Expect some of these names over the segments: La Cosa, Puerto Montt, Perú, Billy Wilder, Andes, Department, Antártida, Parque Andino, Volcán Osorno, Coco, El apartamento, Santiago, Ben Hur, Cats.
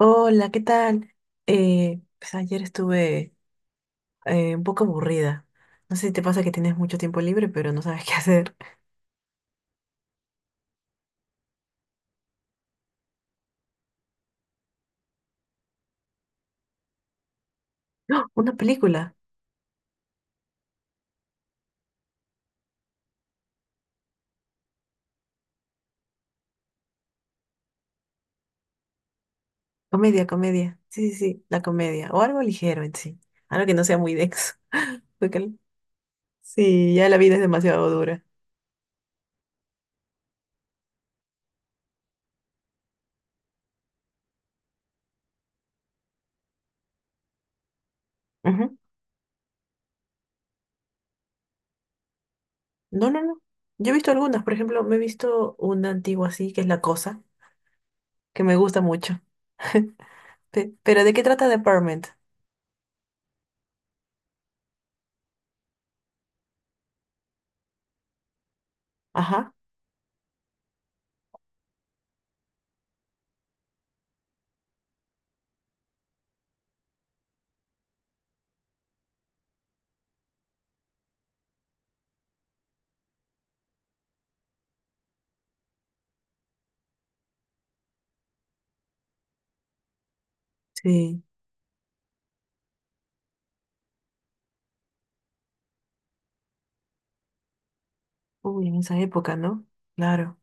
Hola, ¿qué tal? Pues ayer estuve un poco aburrida. No sé si te pasa que tienes mucho tiempo libre, pero no sabes qué hacer. ¡Ah! Una película. Comedia, comedia. Sí, sí, sí, la comedia. O algo ligero en sí. Algo que no sea muy denso. Porque sí, ya la vida es demasiado dura. Ujú. No, no, no. Yo he visto algunas. Por ejemplo, me he visto una antigua así, que es La Cosa, que me gusta mucho. Pero ¿de qué trata Department? Ajá. Sí. Uy, en esa época, ¿no? Claro.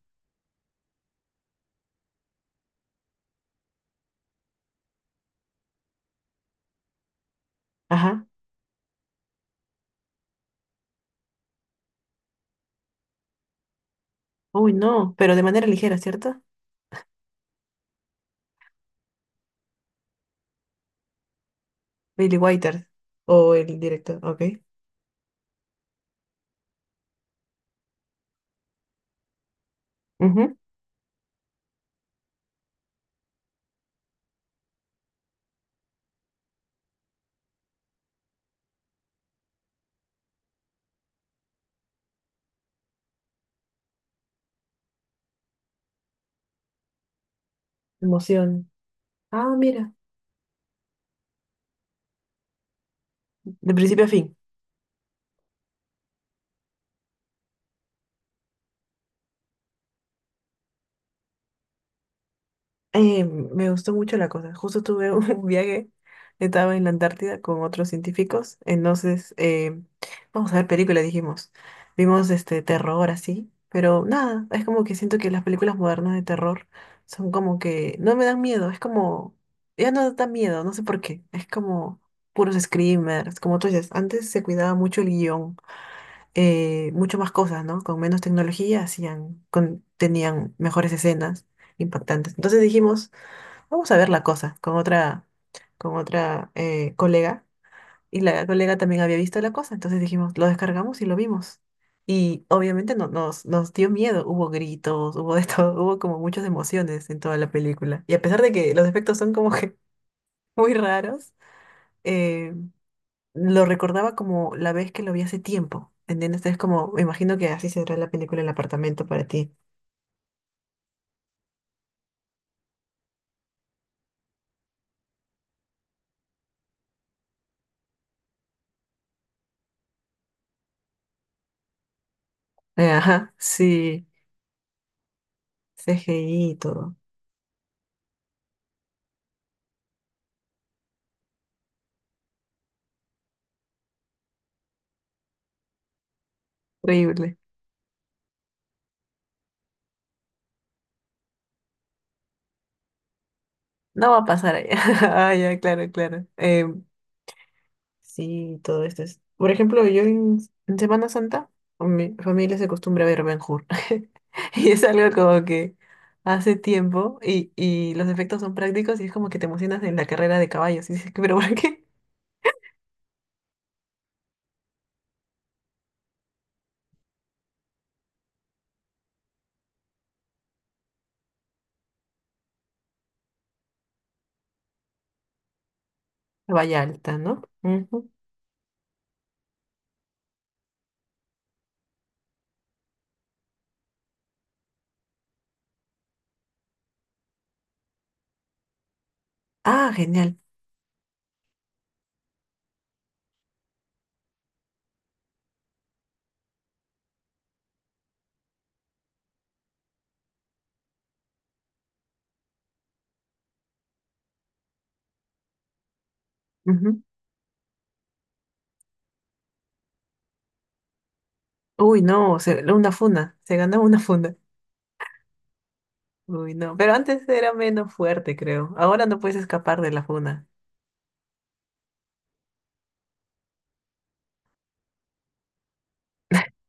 Ajá. Uy, no, pero de manera ligera, ¿cierto? Billy Wilder o el director, ok. Ujú. Emoción. Ah, mira, de principio a fin. Me gustó mucho la cosa. Justo tuve un viaje, estaba en la Antártida con otros científicos, entonces vamos a ver películas, dijimos. Vimos este terror así, pero nada, es como que siento que las películas modernas de terror son como que no me dan miedo, es como, ya no da miedo, no sé por qué, es como puros screamers, como tú dices, antes se cuidaba mucho el guión, mucho más cosas, ¿no? Con menos tecnología hacían, tenían mejores escenas impactantes. Entonces dijimos... Vamos a ver la cosa con otra colega. Y la colega también había visto la cosa. Entonces dijimos, lo descargamos y lo vimos. Y obviamente no, nos dio miedo. Hubo gritos, hubo de todo, hubo como muchas emociones en toda la película. Y a pesar de que los efectos son como que muy raros, eh, lo recordaba como la vez que lo vi hace tiempo. ¿Entiendes? Es como, me imagino que así será la película El apartamento para ti. Ajá, sí, CGI y todo. Horrible. No va a pasar allá. Ah, ya, claro, claro. Sí, todo esto es. Por ejemplo, en Semana Santa, con mi familia se acostumbra a ver Ben Hur. Y es algo como que hace tiempo y los efectos son prácticos y es como que te emocionas en la carrera de caballos. Y dices, pero ¿por qué? Vaya alta, ¿no? Ujú. Ah, genial. Ujú. Uy, no, una funda. Se ganó una funda. Uy, no. Pero antes era menos fuerte, creo. Ahora no puedes escapar de la funda.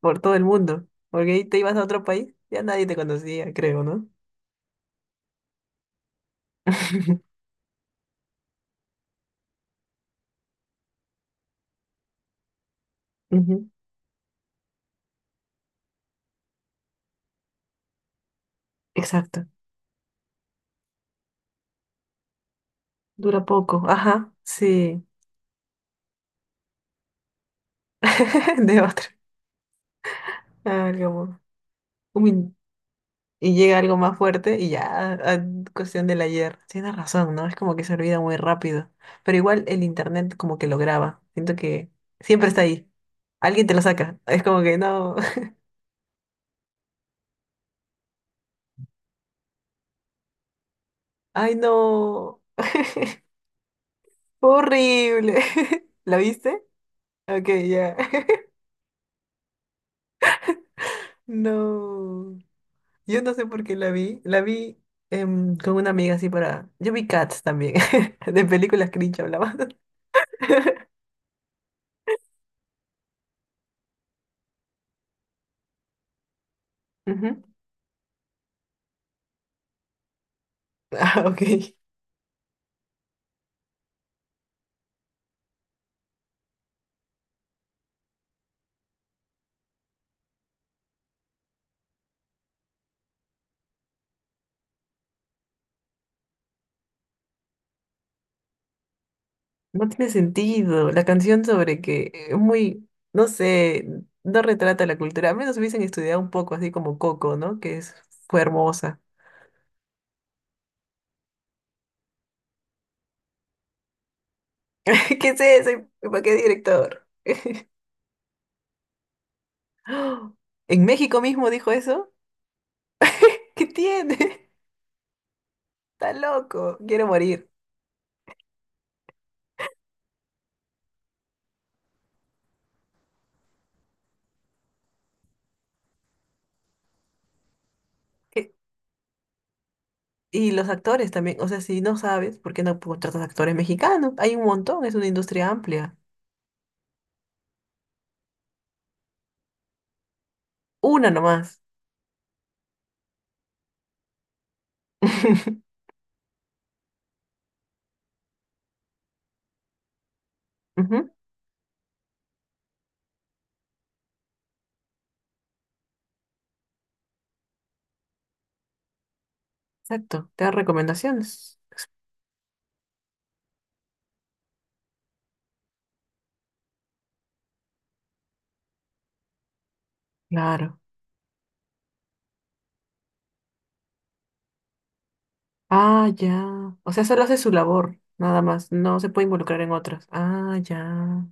Por todo el mundo, porque te ibas a otro país, ya nadie te conocía, creo, ¿no? Ujú, exacto. Dura poco. Ajá, sí. De otro. Algo. un min- y llega algo más fuerte y ya, ah, cuestión del ayer. Tienes razón, ¿no? Es como que se olvida muy rápido. Pero igual el internet como que lo graba. Siento que siempre está ahí. Alguien te lo saca. Es como que no. Ay, no. Horrible. ¿La viste? Ok, ya. No. Yo no sé por qué la vi. La vi con una amiga así para. Yo vi Cats también. De películas cringe hablaba. Ujú. Ah, ok. No tiene sentido. La canción sobre que es muy, no sé, no retrata la cultura. A menos hubiesen estudiado un poco, así como Coco, ¿no? Que es, fue hermosa. ¿Qué es eso? ¿Para qué director? ¡Ah! ¿En México mismo dijo eso? ¿Qué tiene? Está loco. Quiero morir. Y los actores también, o sea, si no sabes, ¿por qué no contratas actores mexicanos? Hay un montón, es una industria amplia. Una nomás. Ujú, exacto, te dan recomendaciones. Claro. Ah, ya. O sea, solo hace su labor, nada más. No se puede involucrar en otras. Ah, ya.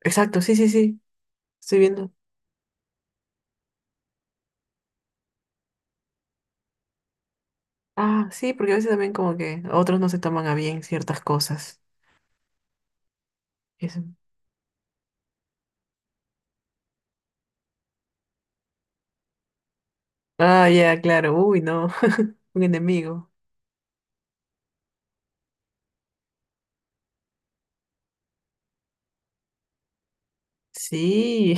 Exacto, sí, sí, sí. Estoy viendo. Ah, sí, porque a veces también como que otros no se toman a bien ciertas cosas. Eso. Ah, ya, claro. Uy, no. Un enemigo. Sí,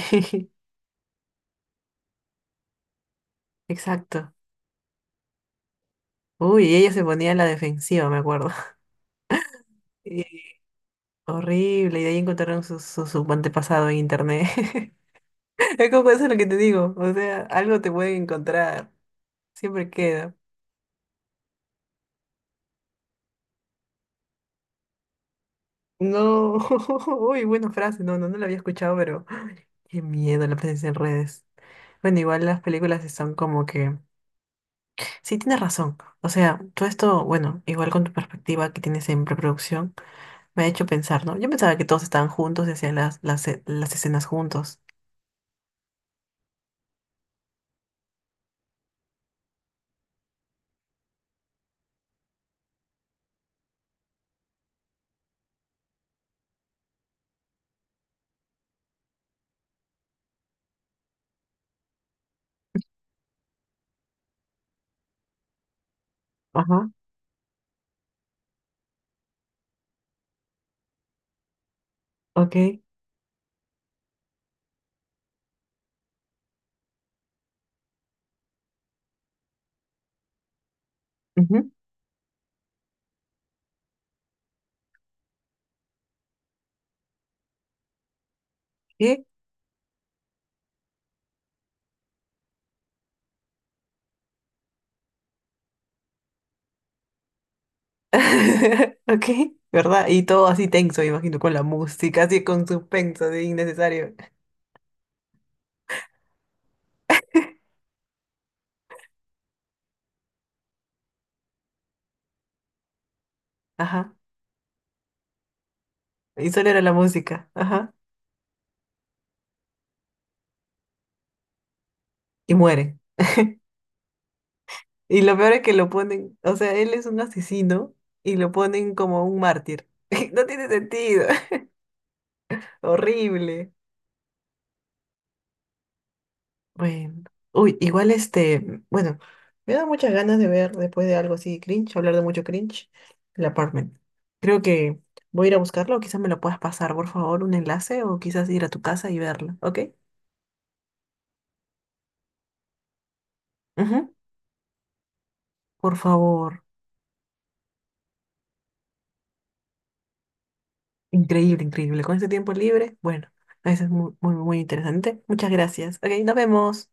exacto. Uy, y ella se ponía a la defensiva, me acuerdo. Y- horrible, y de ahí encontraron su antepasado en internet. Es como eso es lo que te digo, o sea, algo te pueden encontrar, siempre queda. No, uy, buena frase, no, no, no la había escuchado, pero qué miedo la presencia en redes. Bueno, igual las películas están como que, sí, tienes razón, o sea, todo esto, bueno, igual con tu perspectiva que tienes en preproducción, me ha hecho pensar, ¿no? Yo pensaba que todos estaban juntos y hacían las escenas juntos. Ajá, ok. Ujú. ¿Qué? Ok, ¿verdad? Y todo así tenso, me imagino, con la música, así con suspenso, así innecesario. Ajá. Y solo era la música. Ajá. Y muere. Y lo peor es que lo ponen, o sea, él es un asesino y lo ponen como un mártir. No tiene sentido. Horrible. Bueno, uy, igual este, bueno, me da muchas ganas de ver después de algo así cringe, hablar de mucho cringe, el apartment. Creo que voy a ir a buscarlo, o quizás me lo puedas pasar, por favor, un enlace, o quizás ir a tu casa y verlo, ¿ok? Ujú, por favor, increíble, increíble. Con este tiempo libre, bueno, eso es muy, muy, muy interesante. Muchas gracias. Ok, nos vemos.